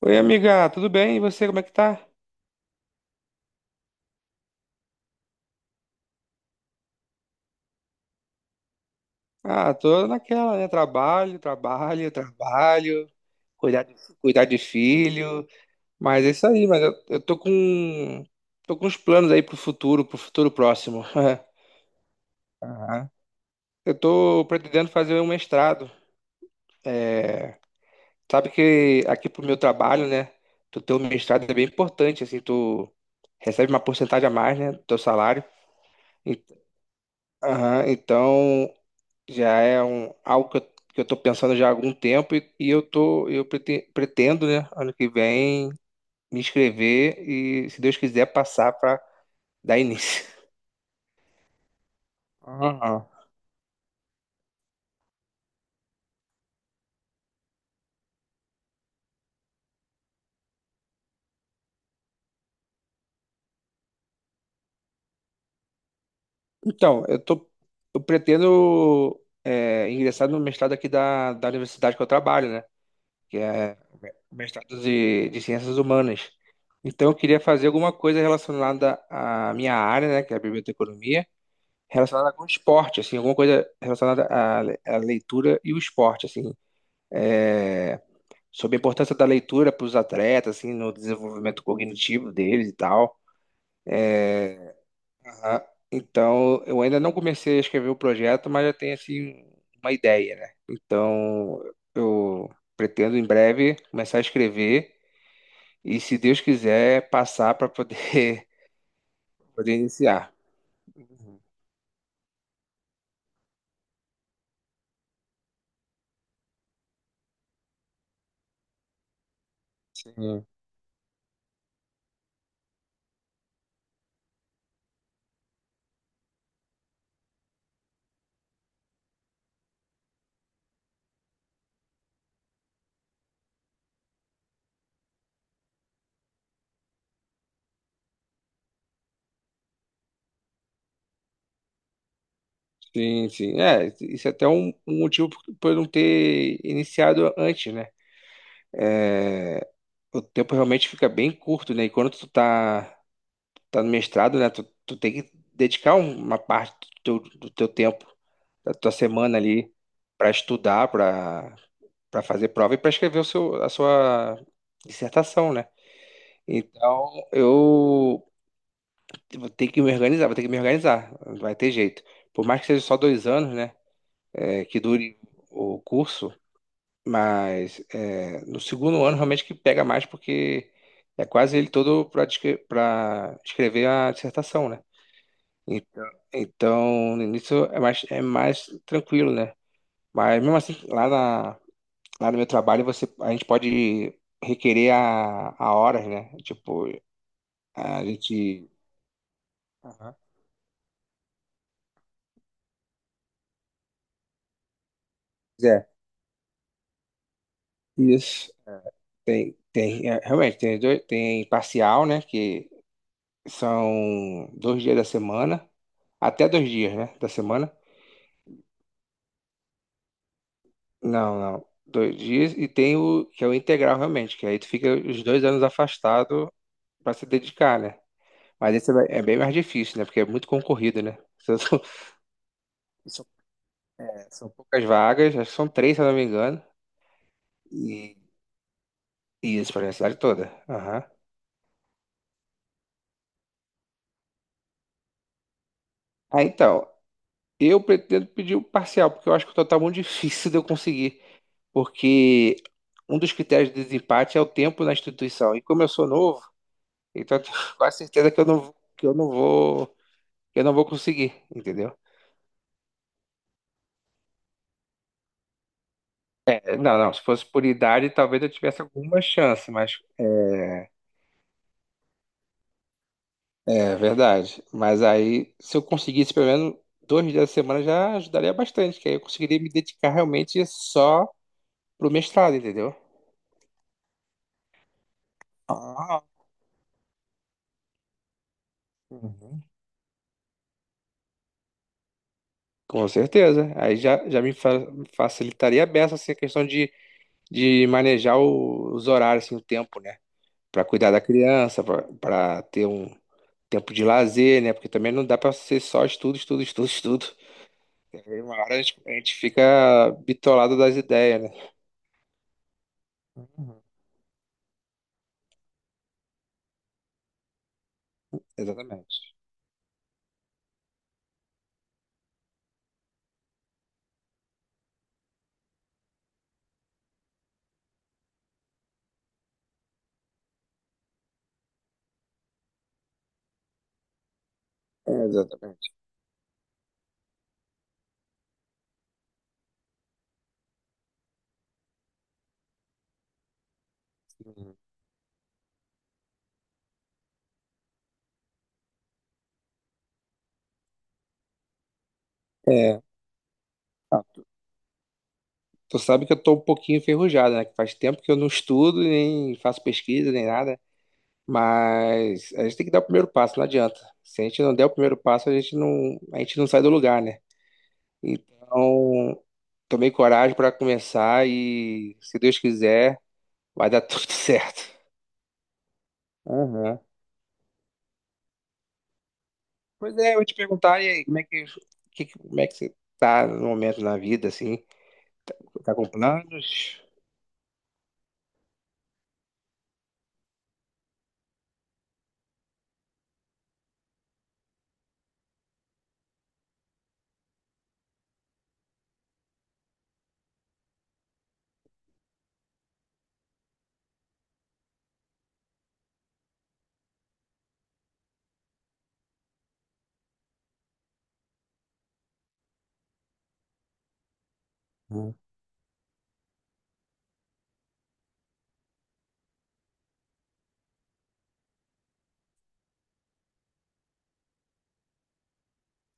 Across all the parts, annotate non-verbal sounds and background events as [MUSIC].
Oi, amiga, tudo bem? E você, como é que tá? Ah, tô naquela, né? Trabalho, trabalho, trabalho, cuidar de, cuidar de filho. Mas é isso aí, mas eu tô com uns planos aí pro futuro próximo. [LAUGHS] Aham. Eu tô pretendendo fazer um mestrado. É, sabe que aqui pro meu trabalho, né? Tu ter um mestrado é bem importante, assim, tu recebe uma porcentagem a mais, né, do teu salário. E- aham, então, já é algo que eu tô pensando já há algum tempo e, eu pretendo, né, ano que vem me inscrever e, se Deus quiser, passar para dar início. Aham. [LAUGHS] Então, eu pretendo é, ingressar no mestrado aqui da universidade que eu trabalho, né, que é o mestrado de Ciências Humanas. Então, eu queria fazer alguma coisa relacionada à minha área, né, que é a biblioteconomia. Relacionada com esporte, assim, alguma coisa relacionada à leitura e o esporte, assim, é, sobre a importância da leitura para os atletas, assim, no desenvolvimento cognitivo deles e tal. Aham. Então, eu ainda não comecei a escrever o projeto, mas já tenho, assim, uma ideia, né? Então, eu pretendo em breve começar a escrever e, se Deus quiser, passar para poder, [LAUGHS] poder iniciar. Uhum. Sim. Sim, sim. É, isso é até um motivo por eu não ter iniciado antes, né? É, o tempo realmente fica bem curto, né? E tá no mestrado, né? Tu tem que dedicar uma parte do teu tempo, da tua semana ali, para estudar, para fazer prova e para escrever a sua dissertação, né? Então, eu vou ter que me organizar, vou ter que me organizar, não vai ter jeito. Por mais que seja só dois anos, né? É, que dure o curso. Mas é, no segundo ano realmente que pega mais porque é quase ele todo para escrever a dissertação, né? então Então, no início é mais tranquilo, né? Mas mesmo assim, lá no meu trabalho, você, a gente pode requerer a horas, né? Tipo, a gente. Aham. É, isso. Tem, tem, é, realmente, tem, dois, tem parcial, né? Que são dois dias da semana, até dois dias, né? Da semana. Não, não. Dois dias e tem o que é o integral realmente, que aí tu fica os dois anos afastado pra se dedicar, né? Mas esse é bem mais difícil, né? Porque é muito concorrido, né? [LAUGHS] São, são- são- é, são poucas vagas, acho que são três, se eu não me engano. E, e isso para a cidade toda. Aham. Ah, então, eu pretendo pedir o parcial, porque eu acho que o total é muito [LAUGHS] difícil de eu conseguir. Porque um dos critérios de desempate é o tempo na instituição. E como eu sou novo, então eu tenho [LAUGHS] quase certeza que eu não vou. Eu não vou conseguir, entendeu? É, não, não. Se fosse por idade, talvez eu tivesse alguma chance, mas. É verdade. Mas aí, se eu conseguisse pelo menos dois dias da semana, já ajudaria bastante, que aí eu conseguiria me dedicar realmente só pro mestrado, entendeu? Ah, uhum. Com certeza. Aí já, já me fa- facilitaria a beça assim, a questão de manejar os horários, assim, o tempo, né? Para cuidar da criança, para ter um tempo de lazer, né? Porque também não dá para ser só estudo, estudo, estudo, estudo. Tem uma hora a gente fica bitolado das ideias, né? Uhum. Exatamente. É, exatamente. Uhum. É. Ah, tu sabe que eu tô um pouquinho enferrujado, né? Que faz tempo que eu não estudo, nem faço pesquisa, nem nada. Mas a gente tem que dar o primeiro passo, não adianta. Se a gente não der o primeiro passo, a gente não sai do lugar, né? Então, tomei coragem para começar e, se Deus quiser, vai dar tudo [LAUGHS] certo. Aham. Pois é, eu ia te perguntar, e aí, como é que você tá no momento na vida, assim? Tá com planos? Hum.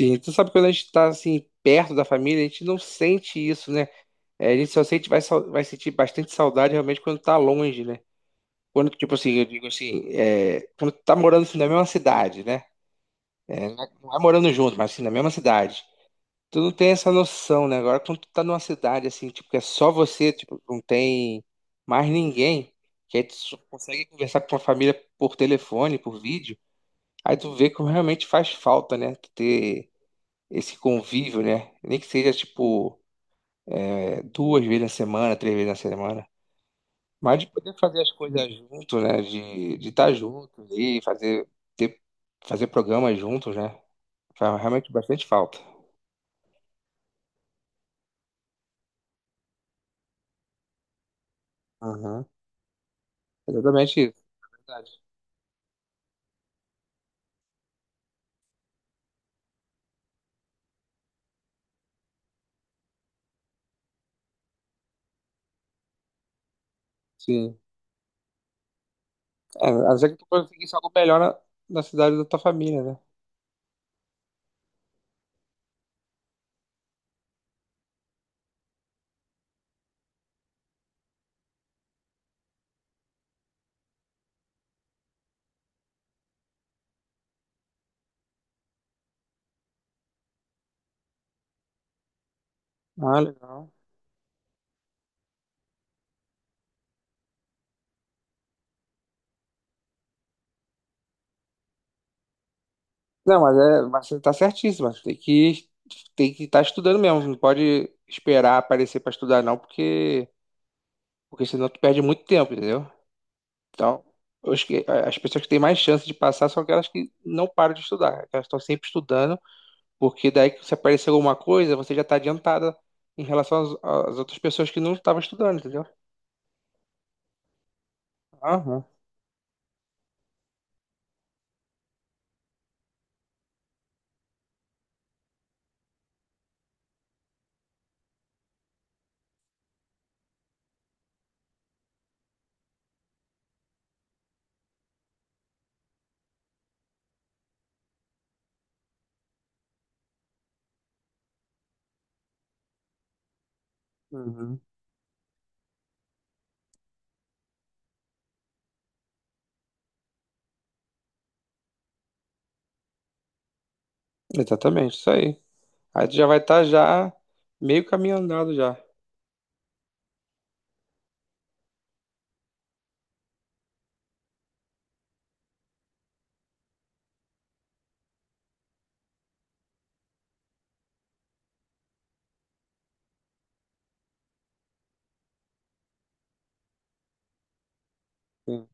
Sim, tu sabe que quando a gente tá, assim, perto da família, a gente não sente isso, né? É, a gente só sente, vai sentir bastante saudade realmente quando tá longe, né? Quando, tipo assim, eu digo assim, é, quando tu tá morando assim, na mesma cidade, né? É, não é morando junto, mas assim, na mesma cidade. Tu não tem essa noção, né? Agora, quando tu tá numa cidade assim, tipo, que é só você, tipo, não tem mais ninguém, que aí tu só consegue conversar com a família por telefone, por vídeo, aí tu vê como realmente faz falta, né? Tu ter esse convívio, né? Nem que seja, tipo, é, duas vezes na semana, três vezes na semana. Mas de poder fazer as coisas junto, né? De estar junto ali, fazer, ter, fazer programas juntos, né? Faz realmente bastante falta. Aham. Exatamente isso, verdade. Sim. É, a não ser que tu conseguisse algo melhor na cidade da tua família, né? Ah, legal. Não, mas, é, mas você tá certíssimo. Tem que estar estudando mesmo. Não pode esperar aparecer para estudar, não, porque senão tu perde muito tempo, entendeu? Então, eu acho que as pessoas que têm mais chance de passar são aquelas que não param de estudar. Elas estão sempre estudando, porque daí que se aparecer alguma coisa, você já tá adiantada em relação às outras pessoas que não estavam estudando, entendeu? Aham. Uhum. Exatamente, isso aí. Aí tu já vai estar já meio caminho andado já. Sim.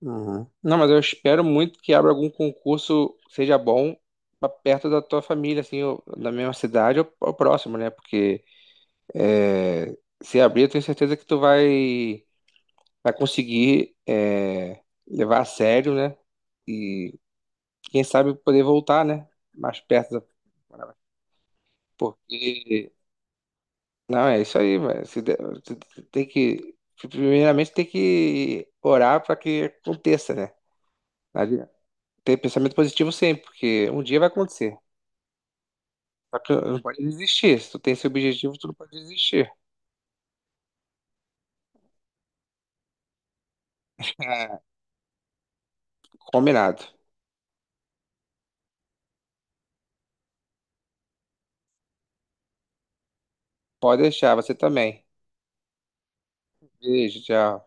Uhum. Não, mas eu espero muito que abra algum concurso que seja bom pra perto da tua família, assim, ou na mesma cidade ou próximo, né? Porque é, se abrir, eu tenho certeza que vai conseguir é, levar a sério, né? E quem sabe poder voltar, né? Mais perto da... Porque não, é isso aí, velho. Você tem que, primeiramente, tem que orar para que aconteça, né? Não. Ter pensamento positivo sempre, porque um dia vai acontecer. Só que não pode desistir. Se tu tem esse objetivo, tu não pode desistir. É, combinado. Pode deixar, você também. Beijo, tchau.